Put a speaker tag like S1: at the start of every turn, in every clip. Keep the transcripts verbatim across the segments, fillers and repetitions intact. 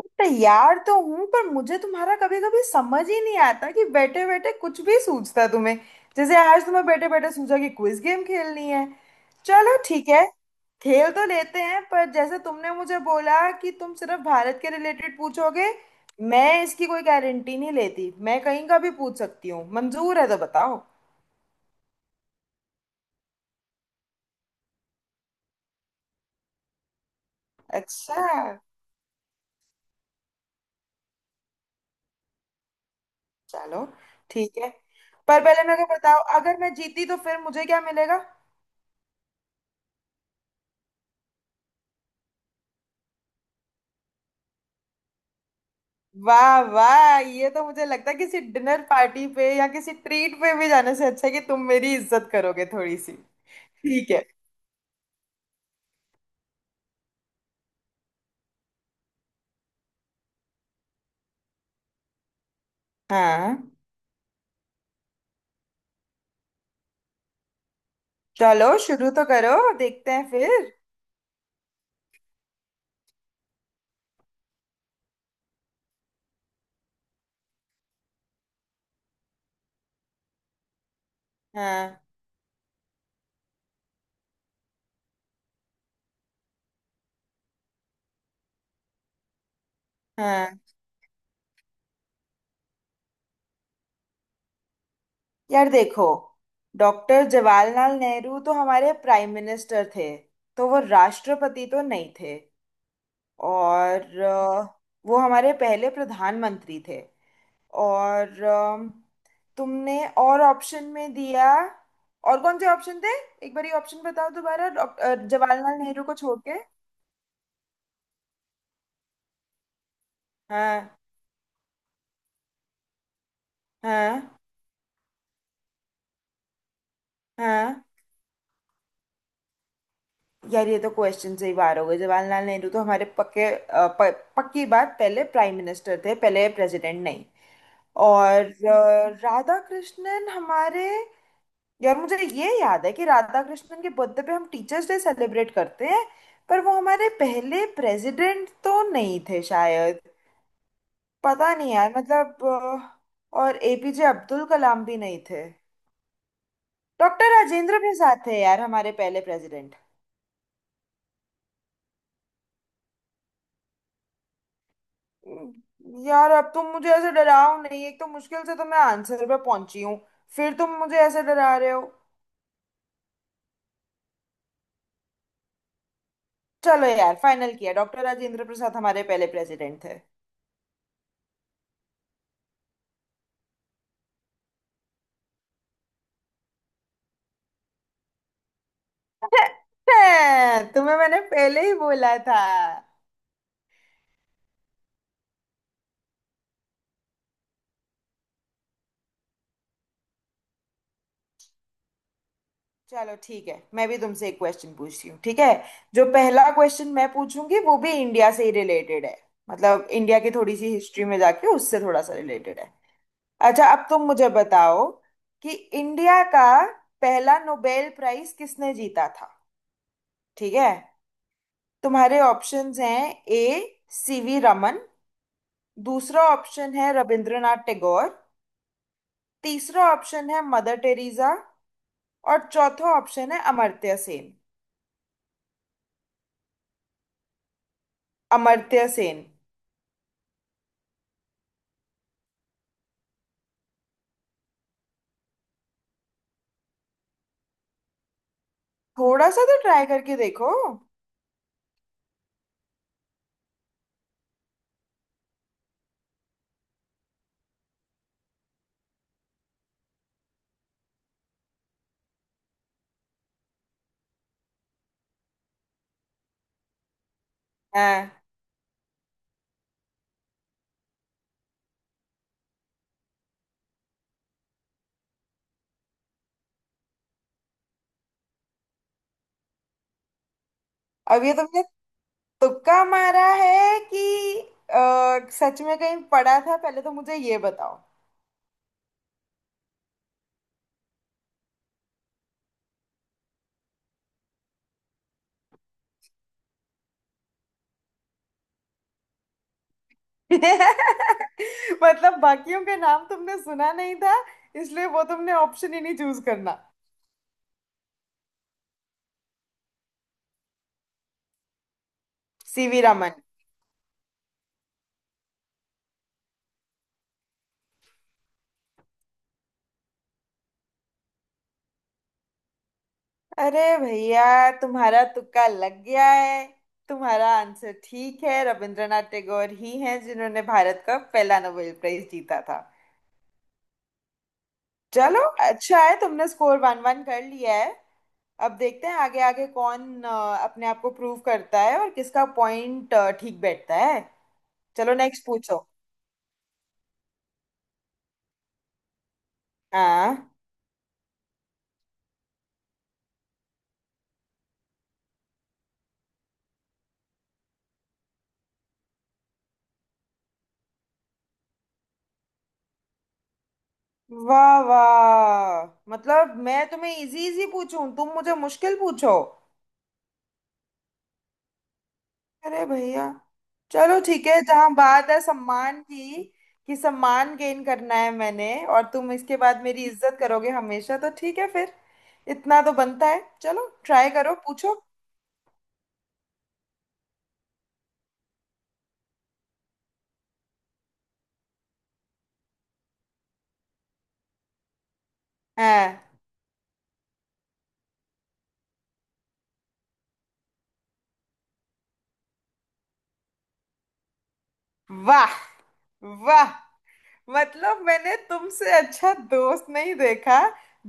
S1: तैयार तो हूं। पर मुझे तुम्हारा कभी कभी समझ ही नहीं आता कि बैठे बैठे कुछ भी सूझता है तुम्हें। जैसे आज तुम्हें बैठे बैठे सूझा कि क्विज गेम खेलनी है। चलो ठीक है, खेल तो लेते हैं। पर जैसे तुमने मुझे बोला कि तुम सिर्फ भारत के रिलेटेड पूछोगे, मैं इसकी कोई गारंटी नहीं लेती। मैं कहीं का भी पूछ सकती हूँ, मंजूर है तो बताओ। अच्छा, चलो ठीक है। पर पहले मेरे को बताओ, अगर मैं जीती तो फिर मुझे क्या मिलेगा? वाह वाह, ये तो मुझे लगता है किसी डिनर पार्टी पे या किसी ट्रीट पे भी जाने से अच्छा है कि तुम मेरी इज्जत करोगे थोड़ी सी। ठीक है। हाँ, चलो शुरू तो करो, देखते हैं फिर। हाँ। हाँ, यार देखो, डॉक्टर जवाहरलाल नेहरू तो हमारे प्राइम मिनिस्टर थे, तो वो राष्ट्रपति तो नहीं थे। और अ, वो हमारे पहले प्रधानमंत्री थे। और अम, तुमने और ऑप्शन में दिया, और कौन से ऑप्शन थे? एक बार ये ऑप्शन बताओ दोबारा, डॉक- अ, जवाहरलाल नेहरू को छोड़ के। हाँ। हाँ। हाँ, यार ये तो क्वेश्चन से ही बाहर हो गए। जवाहरलाल नेहरू तो हमारे पक्के अ, प, पक्की बात पहले प्राइम मिनिस्टर थे, पहले प्रेसिडेंट नहीं। और अ, राधा कृष्णन हमारे, यार मुझे ये याद है कि राधा कृष्णन के बर्थडे पे हम टीचर्स डे सेलिब्रेट करते हैं। पर वो हमारे पहले प्रेसिडेंट तो नहीं थे शायद। पता नहीं यार, मतलब अ, और ए पी जे अब्दुल कलाम भी नहीं थे। डॉक्टर राजेंद्र प्रसाद थे यार हमारे पहले प्रेसिडेंट। यार अब तुम मुझे ऐसे डराओ नहीं, एक तो मुश्किल से तो मैं आंसर पे पहुंची हूँ, फिर तुम मुझे ऐसे डरा रहे हो। चलो यार, फाइनल किया, डॉक्टर राजेंद्र प्रसाद हमारे पहले प्रेसिडेंट थे। तुम्हें मैंने पहले ही बोला था। चलो ठीक है, मैं भी तुमसे एक क्वेश्चन पूछती हूँ। ठीक है, जो पहला क्वेश्चन मैं पूछूंगी वो भी इंडिया से ही रिलेटेड है। मतलब इंडिया की थोड़ी सी हिस्ट्री में जाके उससे थोड़ा सा रिलेटेड है। अच्छा, अब तुम मुझे बताओ कि इंडिया का पहला नोबेल प्राइज किसने जीता था? ठीक है, तुम्हारे ऑप्शंस हैं। ए, सी वी रमन। दूसरा ऑप्शन है रविंद्रनाथ टैगोर। तीसरा ऑप्शन है मदर टेरेसा। और चौथा ऑप्शन है अमर्त्य सेन। अमर्त्य सेन। थोड़ा सा तो ट्राई करके देखो। हाँ। अब ये तुमने तुक्का मारा है कि अ, सच में कहीं पढ़ा था पहले, तो मुझे ये बताओ। मतलब बाकियों के नाम तुमने सुना नहीं था, इसलिए वो तुमने ऑप्शन ही नहीं चूज करना। सी वी रमन। अरे भैया, तुम्हारा तुक्का लग गया है, तुम्हारा आंसर ठीक है। रविंद्रनाथ टैगोर ही हैं जिन्होंने भारत का पहला नोबेल प्राइज जीता था। चलो, अच्छा है, तुमने स्कोर वन वन कर लिया है। अब देखते हैं आगे आगे कौन अ, अपने आप को प्रूव करता है और किसका पॉइंट ठीक बैठता है। चलो नेक्स्ट पूछो। हाँ। वाह वाह, मतलब मैं तुम्हें इजी इजी पूछूं, तुम मुझे मुश्किल पूछो। अरे भैया, चलो ठीक है, जहां बात है सम्मान की, कि सम्मान गेन करना है मैंने, और तुम इसके बाद मेरी इज्जत करोगे हमेशा, तो ठीक है फिर, इतना तो बनता है। चलो ट्राई करो, पूछो। हाँ। वाह वाह, मतलब मैंने तुमसे अच्छा दोस्त नहीं देखा,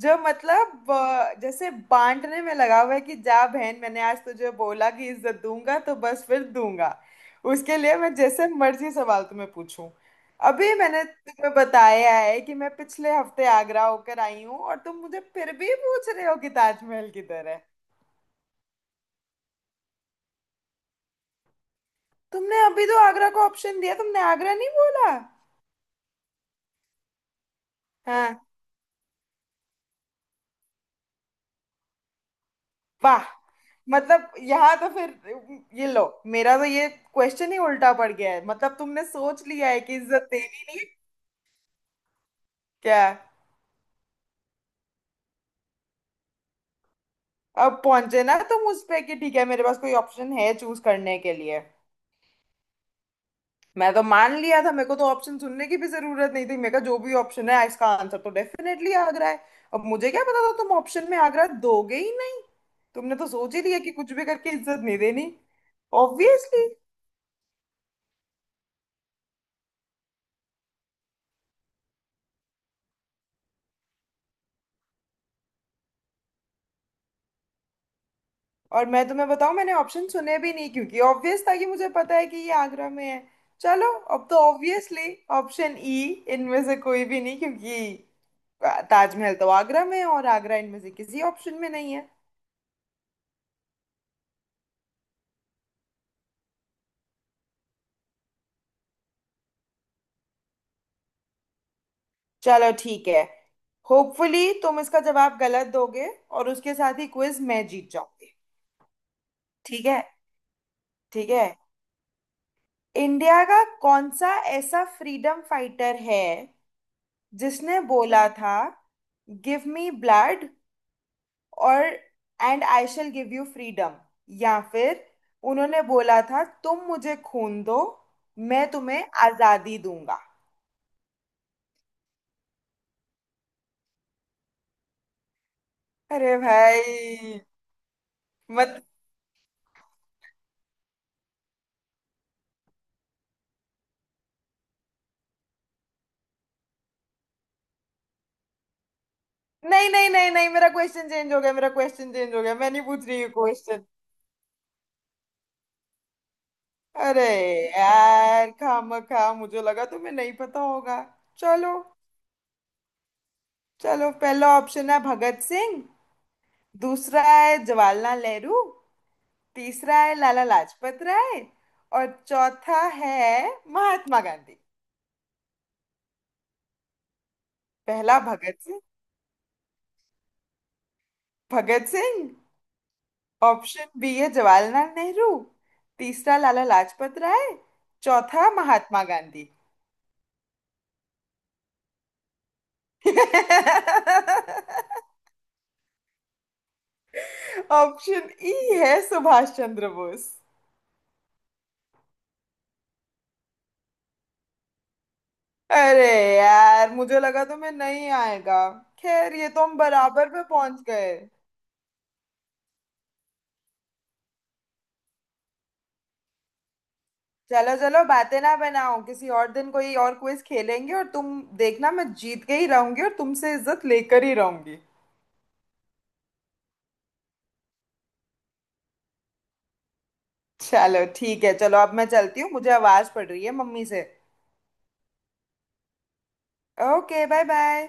S1: जो मतलब अ, जैसे बांटने में लगा हुआ है कि जा बहन, मैंने आज तुझे बोला कि इज्जत दूंगा तो बस फिर दूंगा, उसके लिए मैं जैसे मर्जी सवाल तुम्हें पूछूं। अभी मैंने तुम्हें बताया है कि मैं पिछले हफ्ते आगरा होकर आई हूँ, और तुम मुझे फिर भी पूछ रहे हो कि ताजमहल किधर है। तुमने अभी तो आगरा को ऑप्शन दिया, तुमने आगरा नहीं बोला? हाँ। वाह, मतलब यहाँ तो फिर ये लो, मेरा तो ये क्वेश्चन ही उल्टा पड़ गया है। मतलब तुमने सोच लिया है कि इज्जत देनी नहीं है। क्या? अब पहुंचे ना तुम उस पे कि ठीक है मेरे पास कोई ऑप्शन है चूज करने के लिए। मैं तो मान लिया था, मेरे को तो ऑप्शन सुनने की भी जरूरत नहीं थी। मेरे का जो भी ऑप्शन है, इसका आंसर तो डेफिनेटली आगरा है। अब मुझे क्या पता था तुम ऑप्शन में आगरा दोगे ही नहीं। तुमने तो सोच ही लिया कि कुछ भी करके इज्जत नहीं देनी। ऑब्वियसली। और मैं तुम्हें बताऊं, मैंने ऑप्शन सुने भी नहीं, क्योंकि ऑब्वियस था कि मुझे पता है कि ये आगरा में है। चलो, अब तो ऑब्वियसली ऑप्शन ई, इनमें से कोई भी नहीं, क्योंकि ताजमहल तो आगरा में है और आगरा इनमें से किसी ऑप्शन में नहीं है। चलो ठीक है, होपफुली तुम इसका जवाब गलत दोगे और उसके साथ ही क्विज मैं जीत जाऊंगी। ठीक है। ठीक है, इंडिया का कौन सा ऐसा फ्रीडम फाइटर है जिसने बोला था, गिव मी ब्लड और and I shall give you freedom, या फिर उन्होंने बोला था, तुम मुझे खून दो मैं तुम्हें आजादी दूंगा? अरे भाई, मत। नहीं नहीं नहीं नहीं, मेरा क्वेश्चन चेंज हो गया, मेरा क्वेश्चन चेंज हो गया, मैं नहीं पूछ रही क्वेश्चन। अरे यार, खामखा मुझे लगा तुम्हें नहीं पता होगा। चलो, चलो पहला ऑप्शन है भगत सिंह। दूसरा है जवाहरलाल नेहरू। तीसरा है लाला लाजपत राय। और चौथा है महात्मा गांधी। पहला भगत सिंह। भगत सिंह। ऑप्शन बी है जवाहरलाल नेहरू। तीसरा लाला लाजपत राय। चौथा महात्मा गांधी। ऑप्शन ई है सुभाष चंद्र बोस। अरे यार, मुझे लगा तुम्हें नहीं आएगा। खैर, ये तो हम बराबर पे पहुंच गए। चलो चलो बातें ना बनाओ, किसी और दिन कोई और क्विज खेलेंगे और तुम देखना मैं जीत के ही रहूंगी और तुमसे इज्जत लेकर ही रहूंगी। चलो ठीक है, चलो अब मैं चलती हूँ, मुझे आवाज पड़ रही है मम्मी से। Okay, bye bye.